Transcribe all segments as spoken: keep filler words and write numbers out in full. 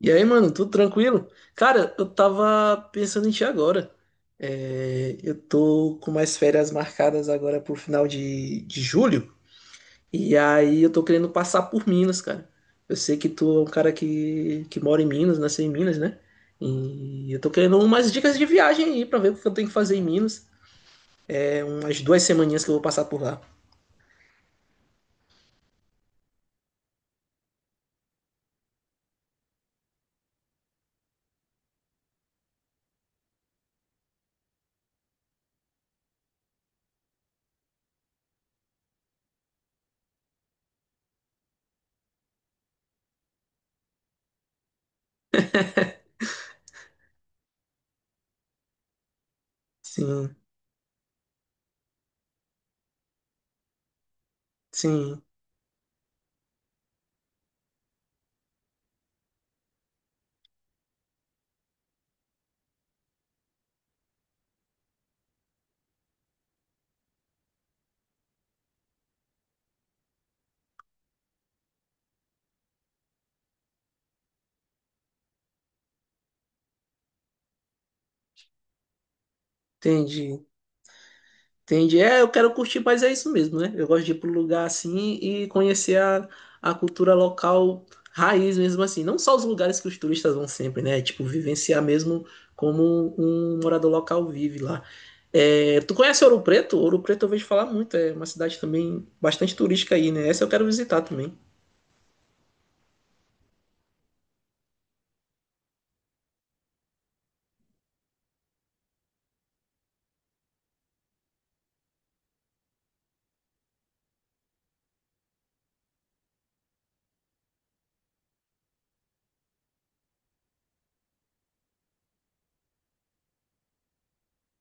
E aí, mano, tudo tranquilo? Cara, eu tava pensando em ti agora. É, eu tô com mais férias marcadas agora pro final de, de julho. E aí eu tô querendo passar por Minas, cara. Eu sei que tu é um cara que, que mora em Minas, nasceu em Minas, né? E eu tô querendo umas dicas de viagem aí pra ver o que eu tenho que fazer em Minas. Umas duas semaninhas que eu vou passar por lá. Sim, sim, entendi. Entendi. É, eu quero curtir, mas é isso mesmo, né? Eu gosto de ir para um lugar assim e conhecer a, a cultura local raiz mesmo assim. Não só os lugares que os turistas vão sempre, né? Tipo, vivenciar mesmo como um morador local vive lá. É, tu conhece Ouro Preto? Ouro Preto eu vejo falar muito, é uma cidade também bastante turística aí, né? Essa eu quero visitar também.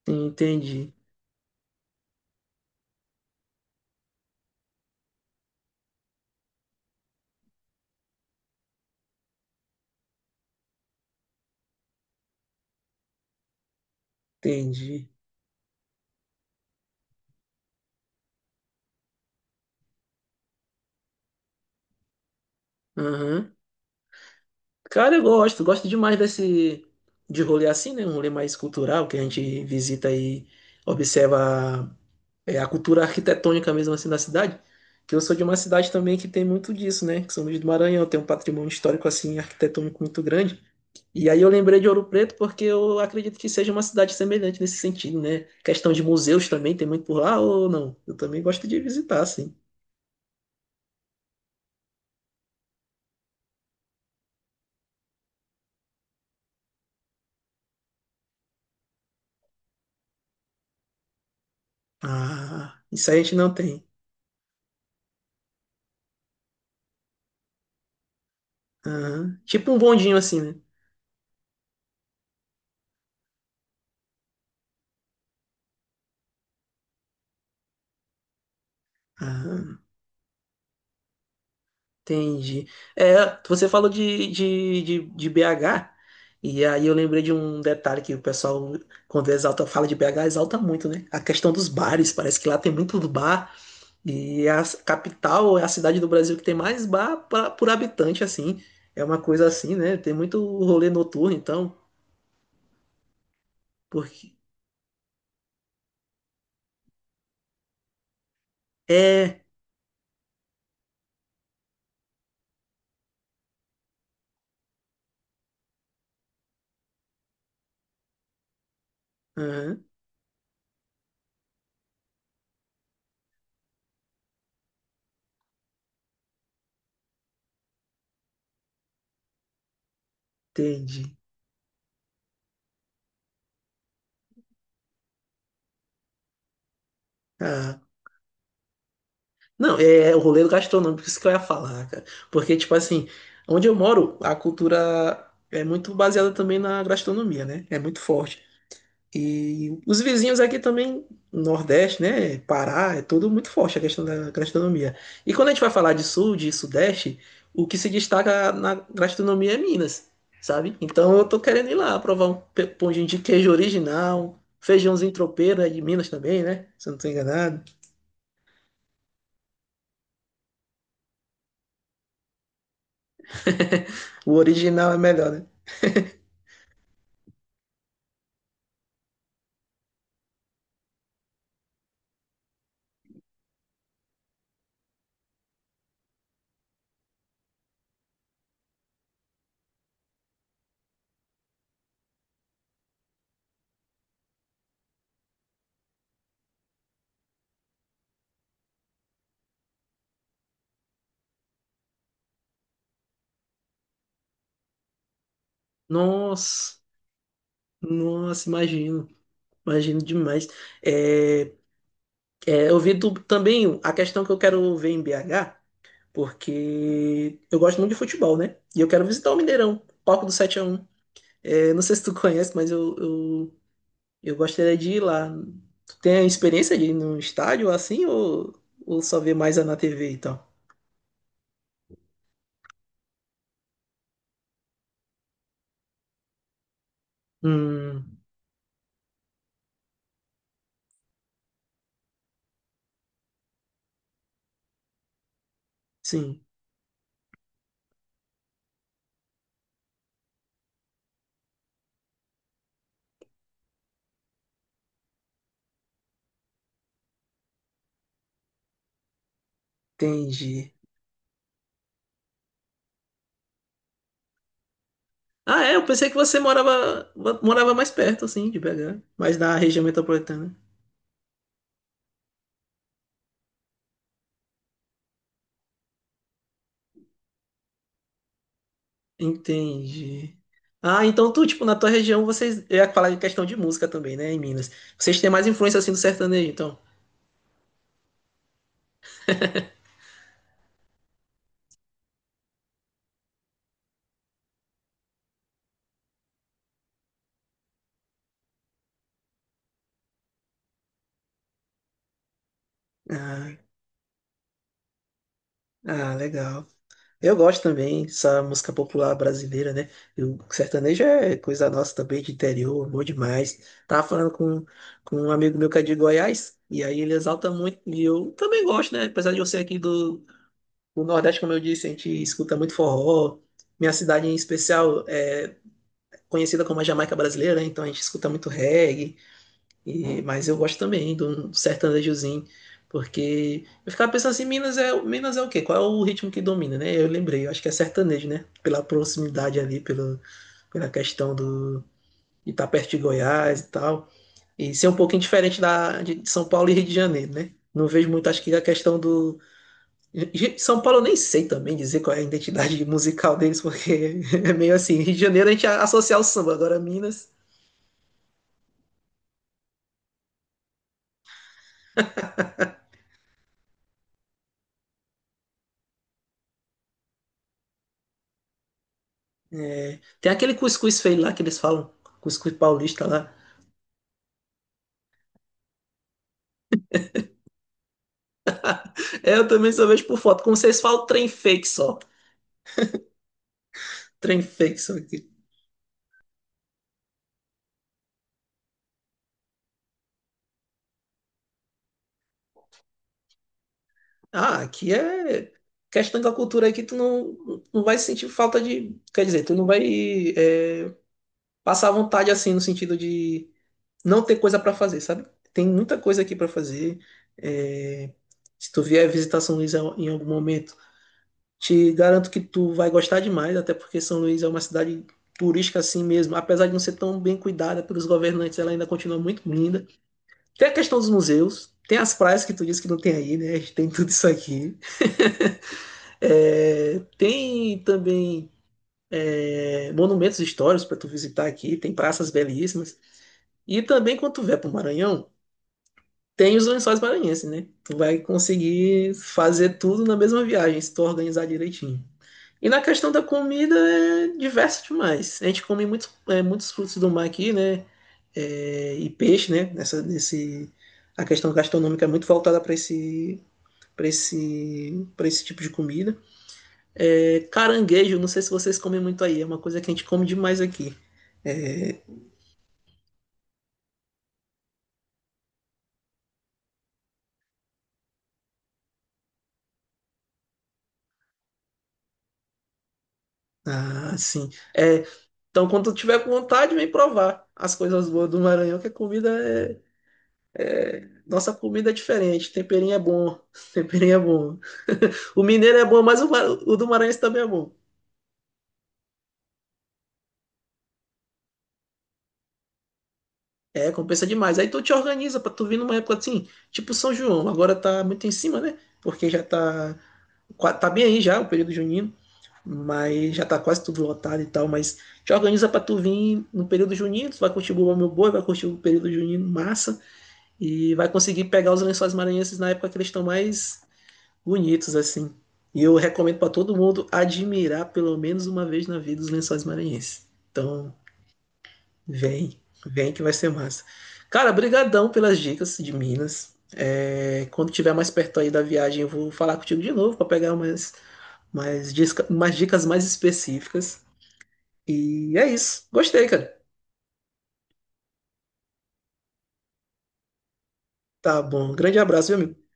Entendi, entendi. Aham. Cara, eu gosto, gosto demais desse de rolê assim, né? Um rolê mais cultural que a gente visita e observa é, a cultura arquitetônica mesmo assim da cidade, que eu sou de uma cidade também que tem muito disso, né? Que São Luís do Maranhão tem um patrimônio histórico assim arquitetônico muito grande. E aí eu lembrei de Ouro Preto porque eu acredito que seja uma cidade semelhante nesse sentido, né? Questão de museus também tem muito por lá ou não? Eu também gosto de visitar, assim. Ah, isso aí a gente não tem. Aham. Tipo um bondinho assim, né? Aham. Entendi. É, você falou de, de, de, de B H, e aí eu lembrei de um detalhe que o pessoal, quando exalta, fala de B H, exalta muito, né? A questão dos bares, parece que lá tem muito bar, e a s- capital é a cidade do Brasil que tem mais bar pra, por habitante, assim. É uma coisa assim, né? Tem muito rolê noturno, então, porque. É, aham, entendi. Ah, não, é é o rolê gastronômico, isso que eu ia falar, cara. Porque, tipo assim, onde eu moro, a cultura é muito baseada também na gastronomia, né? É muito forte. E os vizinhos aqui também, Nordeste, né? Pará, é tudo muito forte a questão da gastronomia. E quando a gente vai falar de Sul, de Sudeste, o que se destaca na gastronomia é Minas, sabe? Então eu tô querendo ir lá provar um pe- pãozinho de queijo original, feijãozinho tropeiro, é de Minas também, né? Se eu não tô enganado. O original é melhor, né? Nossa, nossa, imagino, imagino demais. É, é, eu vi do- também a questão que eu quero ver em B H, porque eu gosto muito de futebol, né? E eu quero visitar o Mineirão, palco do sete a um. É, não sei se tu conhece, mas eu, eu, eu gostaria de ir lá. Tu tem a experiência de ir num estádio assim, ou, ou só ver mais é na T V e tal? Hum, sim, entendi. Ah, é, eu pensei que você morava, morava mais perto, assim, de B H, mais na região metropolitana. Entendi. Ah, então tu, tipo, na tua região vocês. Eu ia falar em questão de música também, né, em Minas. Vocês têm mais influência assim do sertanejo, então. Ah, ah, legal. Eu gosto também dessa música popular brasileira, né? E o sertanejo é coisa nossa também, de interior, bom demais. Tava falando com, com um amigo meu que é de Goiás, e aí ele exalta muito, e eu também gosto, né? Apesar de eu ser aqui do, do Nordeste, como eu disse, a gente escuta muito forró. Minha cidade em especial, é conhecida como a Jamaica brasileira, né? Então a gente escuta muito reggae, e, mas eu gosto também do sertanejozinho, porque eu ficava pensando assim, Minas é, Minas é o quê? Qual é o ritmo que domina, né? Eu lembrei, eu acho que é sertanejo, né? Pela proximidade ali, pelo, pela questão do, de estar perto de Goiás e tal, e ser um pouquinho diferente da, de São Paulo e Rio de Janeiro, né? Não vejo muito, acho que a questão do. São Paulo eu nem sei também dizer qual é a identidade musical deles, porque é meio assim. Rio de Janeiro a gente associa ao samba, agora Minas. É, Tem aquele cuscuz feio lá que eles falam, cuscuz paulista lá. É, eu também só vejo por foto, como vocês falam, trem fake só. Trem fake só aqui. Ah, aqui é questão da cultura aí que tu não, não vai sentir falta de. Quer dizer, tu não vai é, passar vontade assim, no sentido de não ter coisa pra fazer, sabe? Tem muita coisa aqui pra fazer. É, se tu vier visitar São Luís em algum momento, te garanto que tu vai gostar demais, até porque São Luís é uma cidade turística assim mesmo. Apesar de não ser tão bem cuidada pelos governantes, ela ainda continua muito linda. Tem a questão dos museus, tem as praias que tu disse que não tem aí, né? A gente tem tudo isso aqui. É, tem também é, monumentos históricos para tu visitar aqui, tem praças belíssimas. E também quando tu vier para o Maranhão, tem os lençóis maranhenses, né? Tu vai conseguir fazer tudo na mesma viagem, se tu organizar direitinho. E na questão da comida é diverso demais. A gente come muitos, é, muitos frutos do mar aqui, né? É, e peixe, né? Nessa, nesse, a questão gastronômica é muito voltada para esse, para esse, para esse tipo de comida. É, caranguejo, não sei se vocês comem muito aí, é uma coisa que a gente come demais aqui. Ah, sim. É, então, quando tu tiver com vontade, vem provar as coisas boas do Maranhão, que a comida é, nossa comida é diferente, temperinho é bom, temperinho é bom. O mineiro é bom, mas o, ma- o do Maranhense também é bom. É, compensa demais. Aí tu te organiza pra tu vir numa época assim, tipo São João, agora tá muito em cima, né? Porque já tá, qua- tá bem aí já o período junino, mas já tá quase tudo lotado e tal, mas te organiza pra tu vir no período junino, tu vai curtir o Bumba Meu Boi, vai curtir o período junino massa e vai conseguir pegar os lençóis maranhenses na época que eles estão mais bonitos assim. E eu recomendo para todo mundo admirar pelo menos uma vez na vida os Lençóis Maranhenses. Então, vem, vem que vai ser massa. Cara, brigadão pelas dicas de Minas. É, quando tiver mais perto aí da viagem, eu vou falar contigo de novo para pegar umas, umas, disca- umas dicas mais específicas. E é isso. Gostei, cara. Tá bom. Grande abraço, meu amigo.